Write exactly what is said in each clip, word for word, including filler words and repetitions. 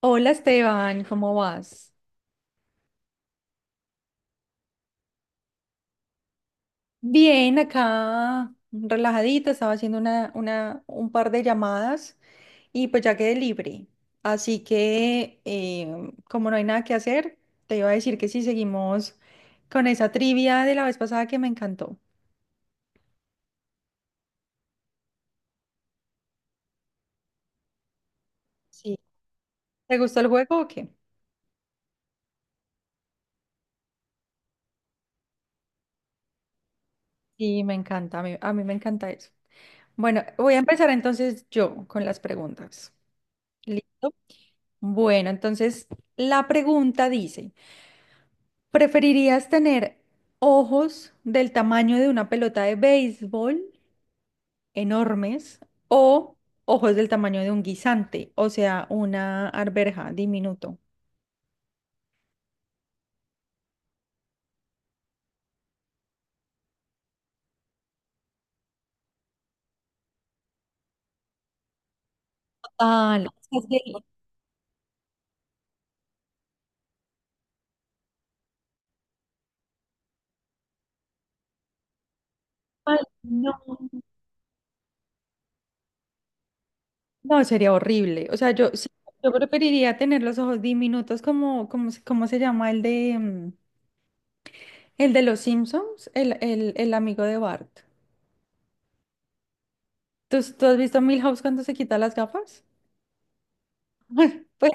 Hola Esteban, ¿cómo vas? Bien, acá relajadita, estaba haciendo una, una, un par de llamadas y pues ya quedé libre. Así que eh, como no hay nada que hacer, te iba a decir que sí, seguimos con esa trivia de la vez pasada que me encantó. Sí. ¿Te gustó el juego o qué? Sí, me encanta, a mí, a mí me encanta eso. Bueno, voy a empezar entonces yo con las preguntas. ¿Listo? Bueno, entonces la pregunta dice... ¿Preferirías tener ojos del tamaño de una pelota de béisbol, enormes, o ojos del tamaño de un guisante, o sea, una arveja, diminuto? Ah, no. Ojos del- Ay, no. No, sería horrible. O sea, yo, sí, yo preferiría tener los ojos diminutos como, como, se- ¿cómo se llama el de, mm, el de los Simpsons? El, el, el amigo de Bart. ¿Tú, tú has visto Milhouse cuando se quita las gafas? Pues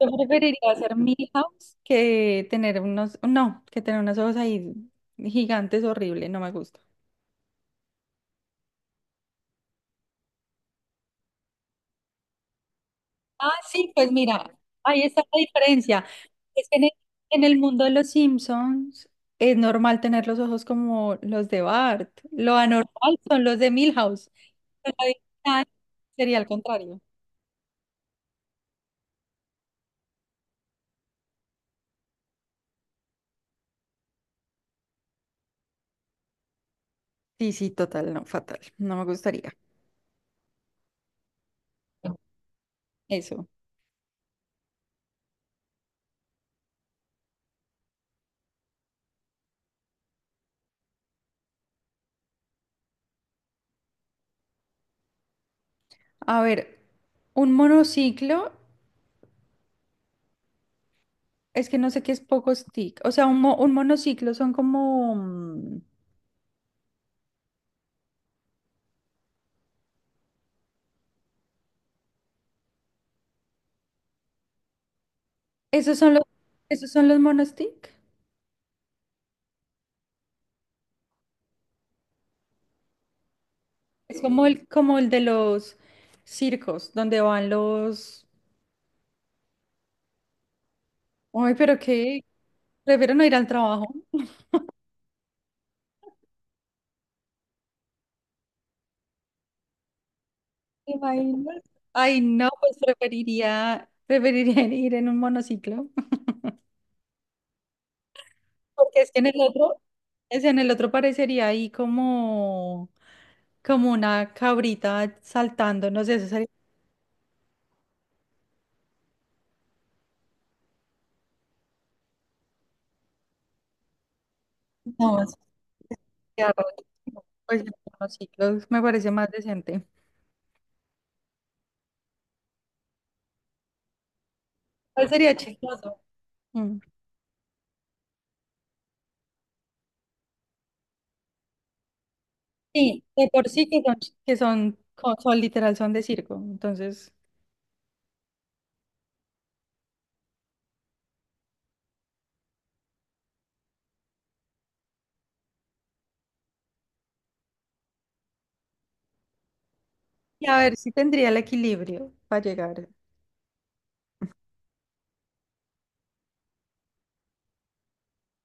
yo preferiría hacer Millie House que tener unos, no, que tener unos ojos ahí gigantes, horrible, no me gusta. Ah, sí, pues mira, ahí está la diferencia. Es que en el, en el mundo de los Simpsons es normal tener los ojos como los de Bart. Lo anormal son los de Milhouse. Pero la diferencia sería al contrario. Sí, sí, total, no, fatal. No me gustaría. Eso. A ver, un monociclo. Es que no sé qué es poco stick. O sea, un, mo- un monociclo son como... mm, ¿Esos son los, esos son los monostick? Es como el, como el de los circos, donde van los... Ay, pero qué, prefiero no ir al trabajo. ¿Te imaginas? Ay, no, pues preferiría, preferiría ir en un monociclo. Porque es que en el otro, es en el otro parecería ahí como, como una cabrita saltando, no sé, eso sería... No, arroz. Pues no, sí, los- Me parece más decente. ¿Cuál sería chistoso? Mm. Sí, de por sí que son, ch- que son, co- son literal, son de circo. Entonces, y a ver si tendría el equilibrio para llegar.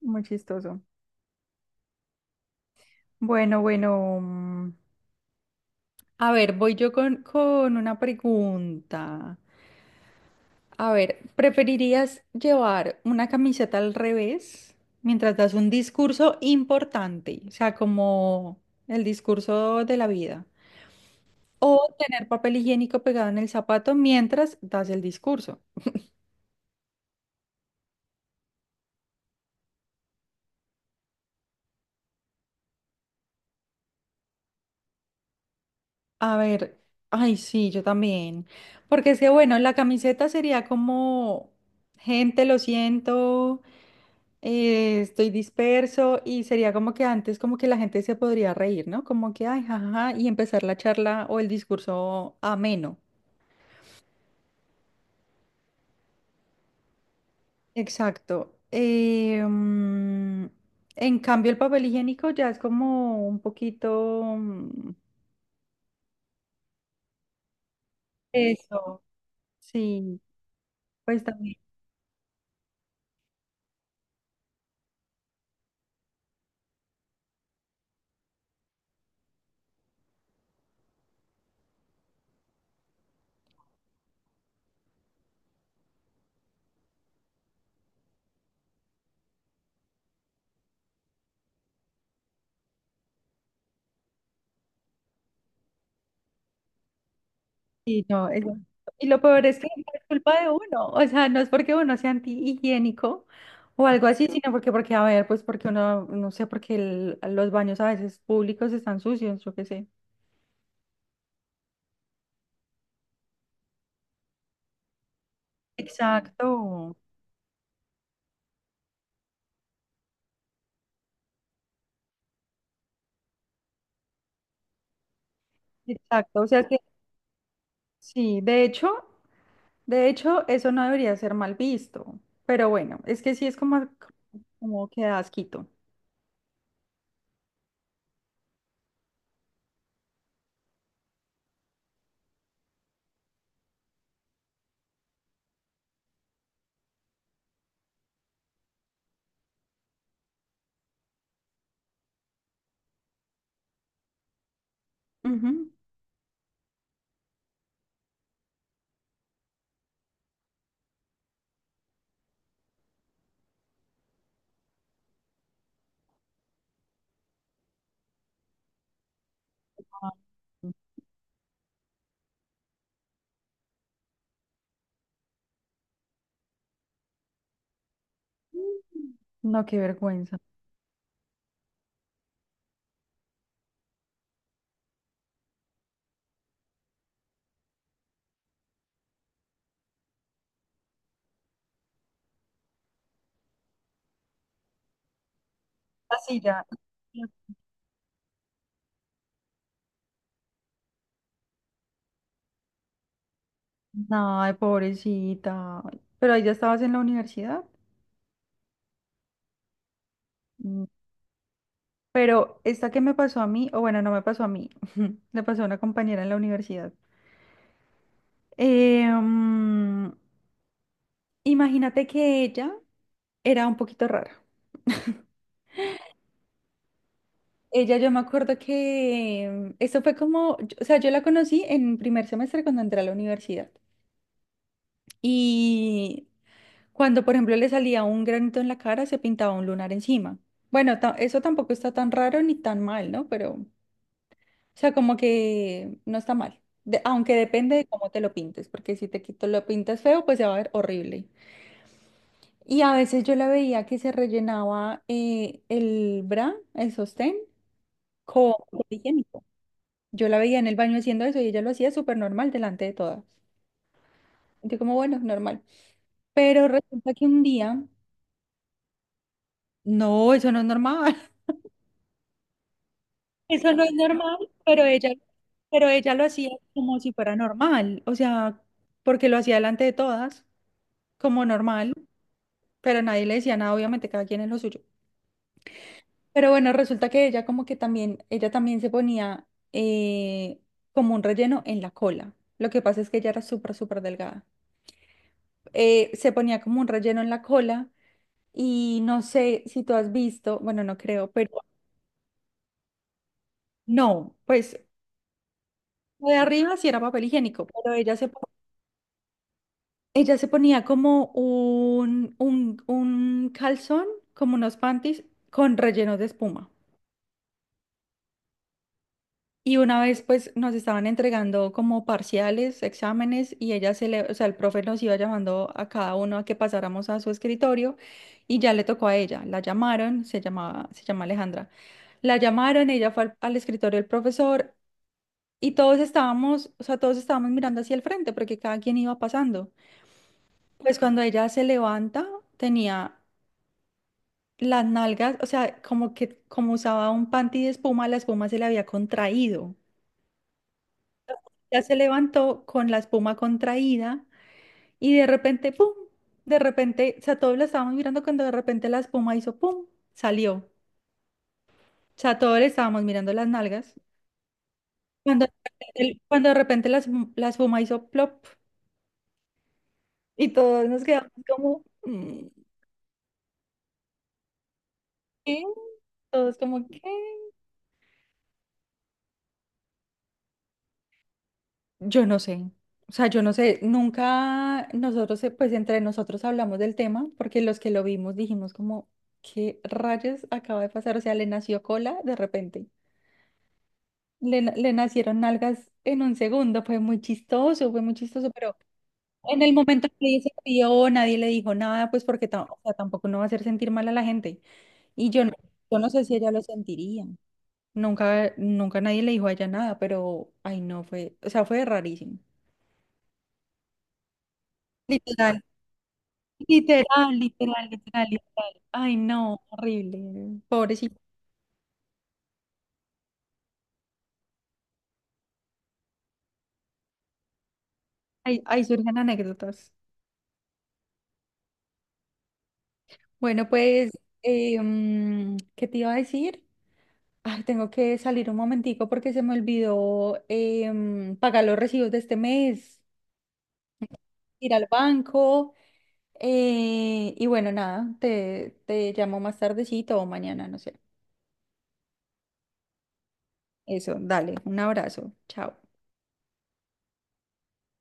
Muy chistoso. Bueno, bueno. mm, A ver, voy yo con, con una pregunta. A ver, ¿preferirías llevar una camiseta al revés mientras das un discurso importante? O sea, como el discurso de la vida. O tener papel higiénico pegado en el zapato mientras das el discurso. A ver, ay, sí, yo también. Porque es que, bueno, la camiseta sería como, gente, lo siento, eh, estoy disperso y sería como que antes como que la gente se podría reír, ¿no? Como que, ay, jajaja, y empezar la charla o el discurso ameno. Exacto. Eh, mm, en cambio, el papel higiénico ya es como un poquito... mm, eso. Sí, pues también, sí, no, es- y lo peor es que no es culpa de uno, o sea, no es porque uno sea antihigiénico o algo así, sino porque, porque, a ver, pues porque uno, no sé, porque el- los baños a veces públicos están sucios, yo qué sé. Exacto, exacto, o sea que sí, de hecho, de hecho, eso no debería ser mal visto, pero bueno, es que sí es como, como que da asquito. Ujú. Ay, no, qué vergüenza. Así ya. Ay, pobrecita. Pero ahí ya estabas en la universidad. Mm. Pero esta que me pasó a mí, o bueno, no me pasó a mí, le pasó a una compañera en la universidad. Eh, mm, Imagínate que ella era un poquito rara. Ella, yo me acuerdo que eso fue como, yo- o sea, yo la conocí en primer semestre cuando entré a la universidad. Y cuando, por ejemplo, le salía un granito en la cara, se pintaba un lunar encima. Bueno, ta- eso tampoco está tan raro ni tan mal, ¿no? Pero o sea, como que no está mal. De- aunque depende de cómo te lo pintes, porque si te quito lo pintas feo, pues se va a ver horrible. Y a veces yo la veía que se rellenaba eh, el bra, el sostén con papel higiénico. Yo la veía en el baño haciendo eso y ella lo hacía súper normal delante de todas. Yo como, bueno, normal. Pero resulta que un día, no, eso no es normal. Eso no es normal, pero ella, pero ella lo hacía como si fuera normal. O sea, porque lo hacía delante de todas, como normal, pero nadie le decía nada, obviamente cada quien es lo suyo. Pero bueno, resulta que ella como que también, ella también se ponía eh, como un relleno en la cola. Lo que pasa es que ella era súper, súper delgada. Eh, se ponía como un relleno en la cola y no sé si tú has visto, bueno, no creo, pero no, pues lo de arriba sí era papel higiénico, pero ella se, po- ella se ponía como un, un, un calzón, como unos panties con relleno de espuma. Y una vez pues nos estaban entregando como parciales, exámenes y ella se le, o sea, el profe nos iba llamando a cada uno a que pasáramos a su escritorio y ya le tocó a ella. La llamaron, se llamaba, se llama Alejandra. La llamaron, ella fue al, al escritorio del profesor y todos estábamos, o sea, todos estábamos mirando hacia el frente porque cada quien iba pasando. Pues cuando ella se levanta, tenía las nalgas, o sea, como que como usaba un panty de espuma, la espuma se le había contraído. Ya se levantó con la espuma contraída y de repente, ¡pum! De repente, o sea, todos la estábamos mirando cuando de repente la espuma hizo ¡pum! Salió. O sea, todos le estábamos mirando las nalgas. Cuando, de repente- cuando de repente la, espu- la espuma hizo plop y todos nos quedamos como, "Mm, ¿qué? Todos como, ¿qué? Yo no sé. O sea, yo no sé, nunca nosotros, eh, pues entre nosotros hablamos del tema, porque los que lo vimos dijimos como, ¿qué rayos acaba de pasar? O sea, le nació cola de repente, le, na- le nacieron nalgas en un segundo, fue muy chistoso, fue muy chistoso, pero en el momento que ella se crió, nadie le dijo nada, pues porque ta- o sea, tampoco no va a hacer sentir mal a la gente. Y yo no, yo no sé si ella lo sentiría. Nunca, nunca nadie le dijo a ella nada, pero, ay, no, fue, o sea, fue rarísimo. Literal, literal, literal, literal, literal. Ay, no, horrible. Pobrecito. Ahí, ahí surgen anécdotas. Bueno, pues, eh, mm, ¿qué te iba a decir? Ay, tengo que salir un momentico porque se me olvidó em, pagar los recibos de este mes, ir al banco eh, y bueno, nada, te, te llamo más tardecito o mañana, no sé. Eso, dale, un abrazo, chao.